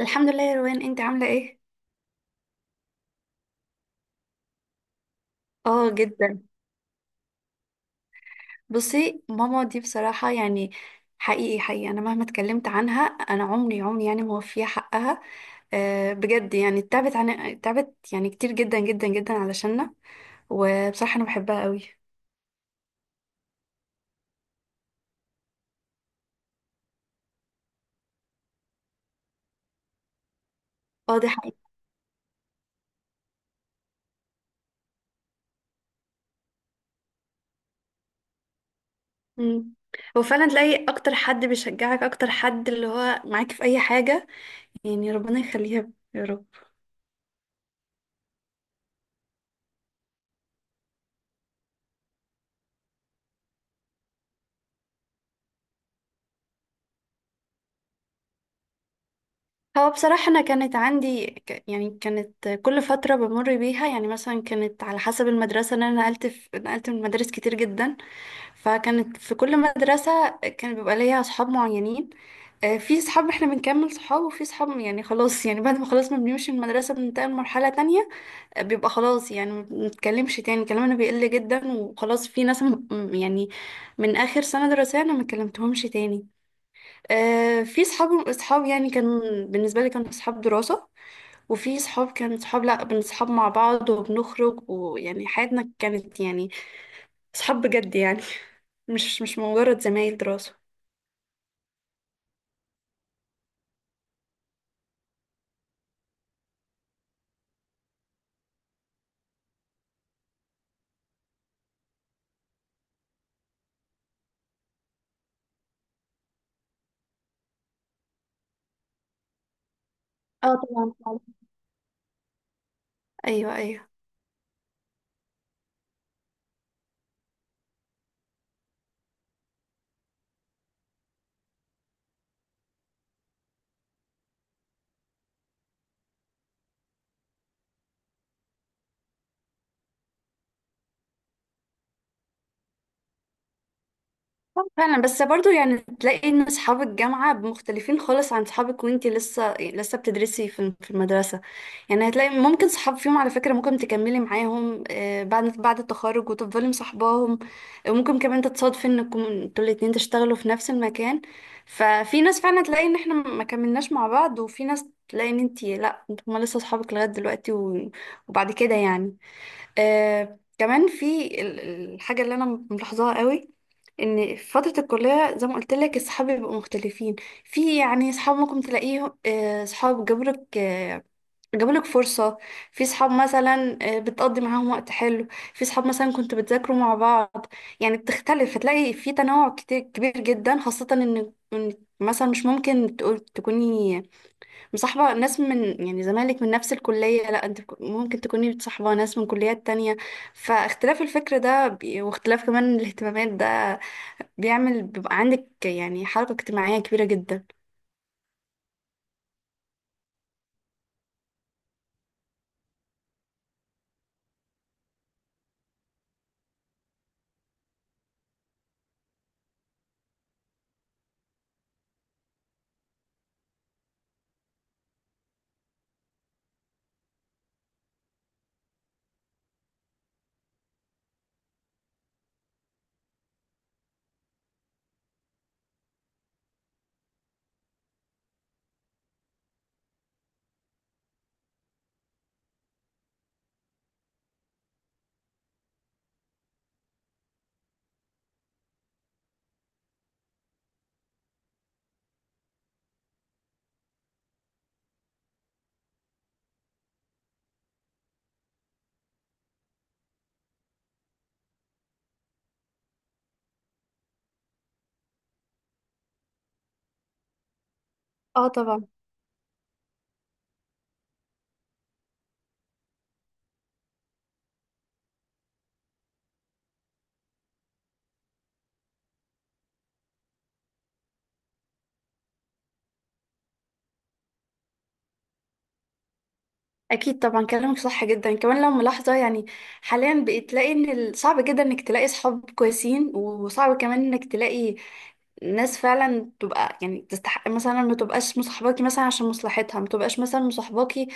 الحمد لله يا روان، انت عاملة ايه؟ اه، جدا. بصي، ماما دي بصراحة يعني حقيقي حقيقي انا مهما اتكلمت عنها انا عمري عمري يعني موفية حقها. أه، بجد يعني تعبت يعني كتير جدا جدا جدا علشاننا. وبصراحة انا بحبها قوي. اه، دي حقيقة. مم. هو فعلا تلاقي اكتر حد بيشجعك، اكتر حد اللي هو معاك في اي حاجة، يعني ربنا يخليها يا رب. هو بصراحة أنا كانت عندي يعني كانت كل فترة بمر بيها، يعني مثلا كانت على حسب المدرسة، إن أنا نقلت، في نقلت من مدارس كتير جدا. فكانت في كل مدرسة كان بيبقى ليا أصحاب معينين. في صحاب احنا بنكمل صحاب، وفي صحاب يعني خلاص، يعني بعد ما خلاص ما بنمشي من المدرسة بننتقل لمرحلة تانية. بيبقى خلاص، يعني ما بنتكلمش تاني، كلامنا بيقل جدا وخلاص، في ناس يعني من آخر سنة دراسية أنا ما كلمتهمش تاني. في صحاب اصحاب يعني كان بالنسبه لي كانوا صحاب دراسه، وفي صحاب كانوا صحاب، لا بنصحاب مع بعض وبنخرج، ويعني حياتنا كانت يعني صحاب بجد يعني مش مجرد زمايل دراسه. اه طبعا، فعلا. ايوه، ايوه. آه فعلا، بس برضو يعني تلاقي ان اصحاب الجامعة مختلفين خالص عن صحابك، وانتي لسه لسه بتدرسي في المدرسة. يعني هتلاقي ممكن صحاب فيهم، على فكرة، ممكن تكملي معاهم آه، بعد التخرج وتفضلي مصاحباهم. وممكن كمان تتصادفي انكم انتوا الاتنين تشتغلوا في نفس المكان. ففي ناس فعلا تلاقي ان احنا ما كملناش مع بعض، وفي ناس تلاقي ان انتي، لا انتوا، هما لسه صحابك لغاية دلوقتي وبعد كده يعني. آه كمان في الحاجة اللي أنا ملاحظاها قوي، إن في فترة الكلية زي ما قلت لك أصحابي بيبقوا مختلفين. في يعني أصحاب ممكن تلاقيهم، آه، صحاب جابولك، آه، جابولك فرصة. في صحاب مثلا بتقضي معاهم وقت حلو. في صحاب مثلا كنتوا بتذاكروا مع بعض. يعني بتختلف، هتلاقي في تنوع كتير كبير جدا، خاصة إن مثلا مش ممكن تكوني مصاحبة ناس من يعني زمالك من نفس الكلية، لا، انت ممكن تكوني بتصاحبة ناس من كليات تانية. فاختلاف الفكر ده واختلاف كمان الاهتمامات ده بيبقى عندك يعني حركة اجتماعية كبيرة جدا. اه طبعا. اكيد طبعا، كلامك صح جدا. كمان لو ملاحظه يعني حاليا بقيت تلاقي ان صعب جدا انك تلاقي صحاب كويسين، وصعب كمان انك تلاقي ناس فعلا تبقى يعني تستحق، مثلا ما تبقاش مصاحباكي مثلا عشان مصلحتها، ما تبقاش مثلا مصاحباكي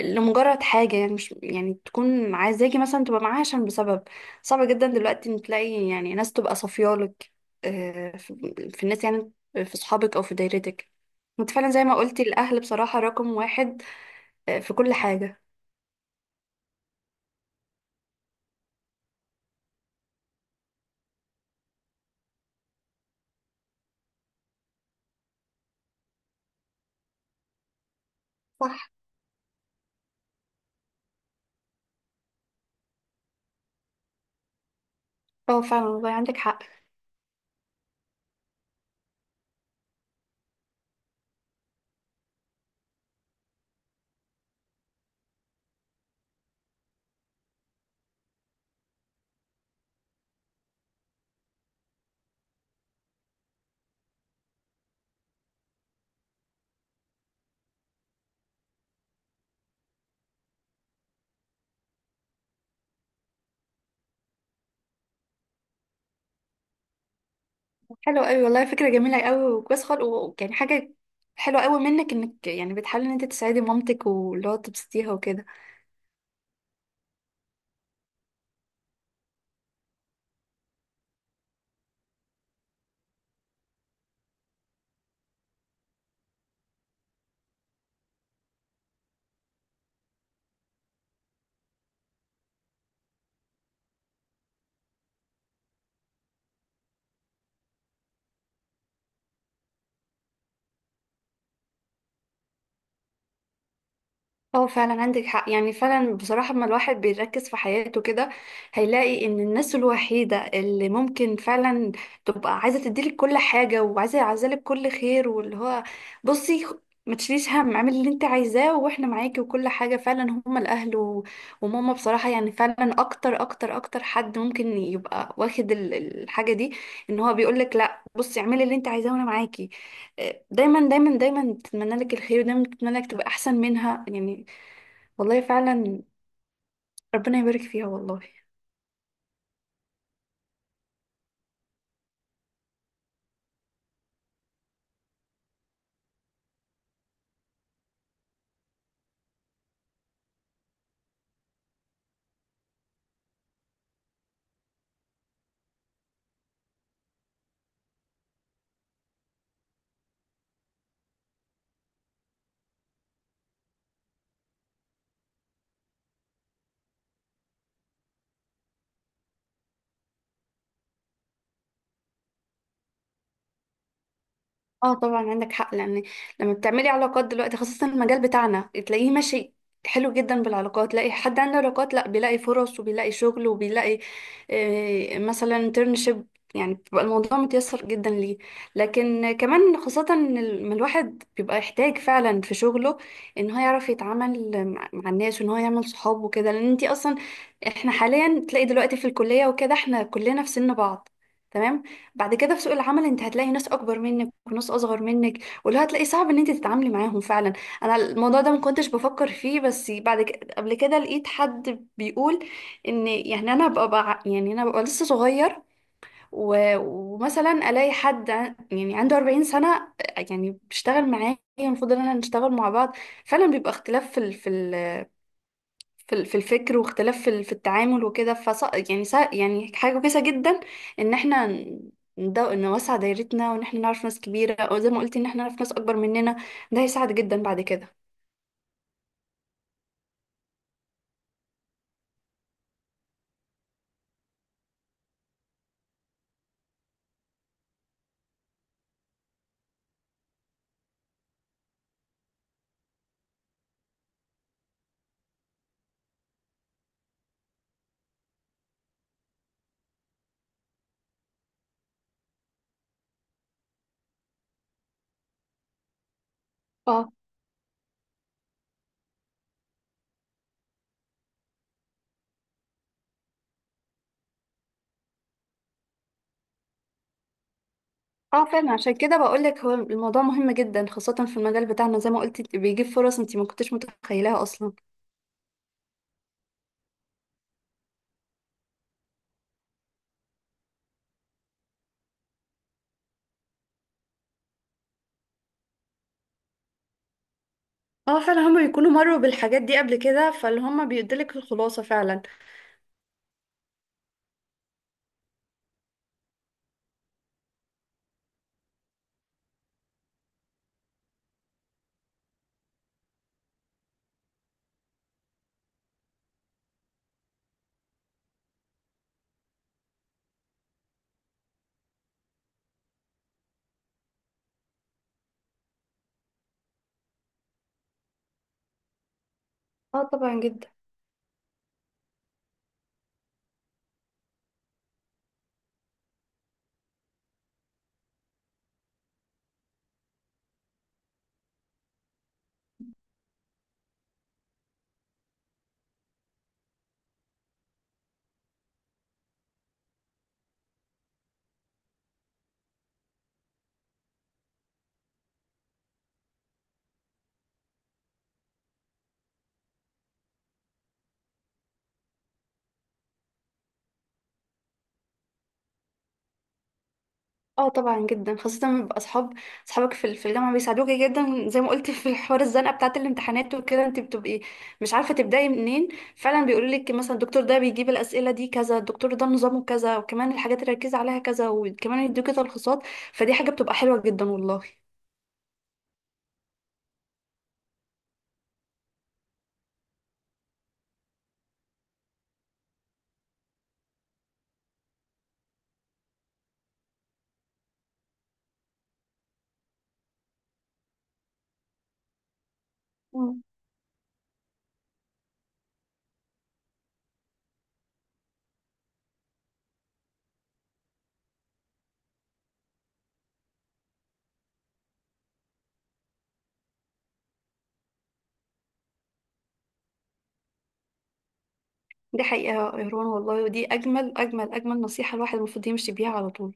لمجرد حاجه يعني، مش يعني تكون عايزاكي مثلا تبقى معاها عشان بسبب. صعب جدا دلوقتي ان تلاقي يعني ناس تبقى صافيالك. آه، في في الناس يعني، في صحابك او في دايرتك. انت فعلا زي ما قلتي، الاهل بصراحه رقم واحد، في كل حاجه. صح. اه فعلا، والله عندك حق. حلو قوي والله، فكرة جميلة قوي وكويس خالص، يعني حاجة حلوة قوي منك انك يعني بتحاولي ان انت تساعدي مامتك، واللي هو تبسطيها وكده. اه فعلا عندك حق، يعني فعلا بصراحة لما الواحد بيركز في حياته كده هيلاقي ان الناس الوحيدة اللي ممكن فعلا تبقى عايزة تديلك كل حاجة، وعايزة عايزالك كل خير، واللي هو بصي ما تشيليش هم، اعملي اللي انت عايزاه واحنا معاكي، وكل حاجة فعلا هما الاهل وماما بصراحة يعني، فعلا اكتر اكتر اكتر حد ممكن يبقى واخد الحاجة دي، ان هو بيقولك لا بصي اعملي اللي انت عايزاه وانا معاكي. دايما دايما دايما تتمنى لك الخير، ودايما تتمنى لك تبقى احسن منها يعني. والله فعلا ربنا يبارك فيها والله. اه طبعا عندك حق، لان لما بتعملي علاقات دلوقتي خاصة المجال بتاعنا تلاقيه ماشي حلو جدا. بالعلاقات تلاقي حد عنده علاقات، لا بيلاقي فرص وبيلاقي شغل وبيلاقي مثلا انترنشيب، يعني بيبقى الموضوع متيسر جدا ليه. لكن كمان خاصة إن ما الواحد بيبقى يحتاج فعلا في شغله ان هو يعرف يتعامل مع الناس، وان هو يعمل صحاب وكده، لان انتي اصلا احنا حاليا تلاقي دلوقتي في الكلية وكده احنا كلنا في سن بعض. تمام. بعد كده في سوق العمل انت هتلاقي ناس اكبر منك وناس اصغر منك، واللي هتلاقي صعب ان انت تتعاملي معاهم فعلا. انا الموضوع ده ما كنتش بفكر فيه، بس بعد كده، قبل كده، لقيت حد بيقول ان يعني انا ببقى يعني انا ببقى لسه صغير، ومثلا الاقي حد يعني عنده 40 سنة يعني بيشتغل معايا، المفروض ان احنا نشتغل مع بعض. فعلا بيبقى اختلاف في الفكر، واختلاف في التعامل وكده، يعني يعني حاجة كويسة جدا ان احنا نوسع دايرتنا، وان احنا نعرف ناس كبيرة، او زي ما قلتي، ان احنا نعرف ناس اكبر مننا، ده هيساعد جدا بعد كده. اه. اه فعلا عشان كده بقول لك، هو الموضوع مهم جدا خاصة في المجال بتاعنا زي ما قلتي، بيجيب فرص انت ما كنتش متخيلاها اصلا. اه فعلا، هما بيكونوا مروا بالحاجات دي قبل كده، فاللي هما بيديلك الخلاصة فعلا. اه طبعا جدا. اه طبعا جدا، خاصة لما يبقى اصحاب، اصحابك في في الجامعة بيساعدوك جدا. زي ما قلت، في حوار الزنقة بتاعة الامتحانات وكده انت بتبقي مش عارفة تبدأي منين. فعلا بيقولوا لك مثلا الدكتور ده بيجيب الأسئلة دي كذا، الدكتور ده نظامه كذا، وكمان الحاجات اللي ركز عليها كذا، وكمان يدوكي تلخيصات، فدي حاجة بتبقى حلوة جدا والله. مم. دي حقيقة يا روان، والله ودي أجمل أجمل أجمل نصيحة، الواحد المفروض يمشي بيها على طول.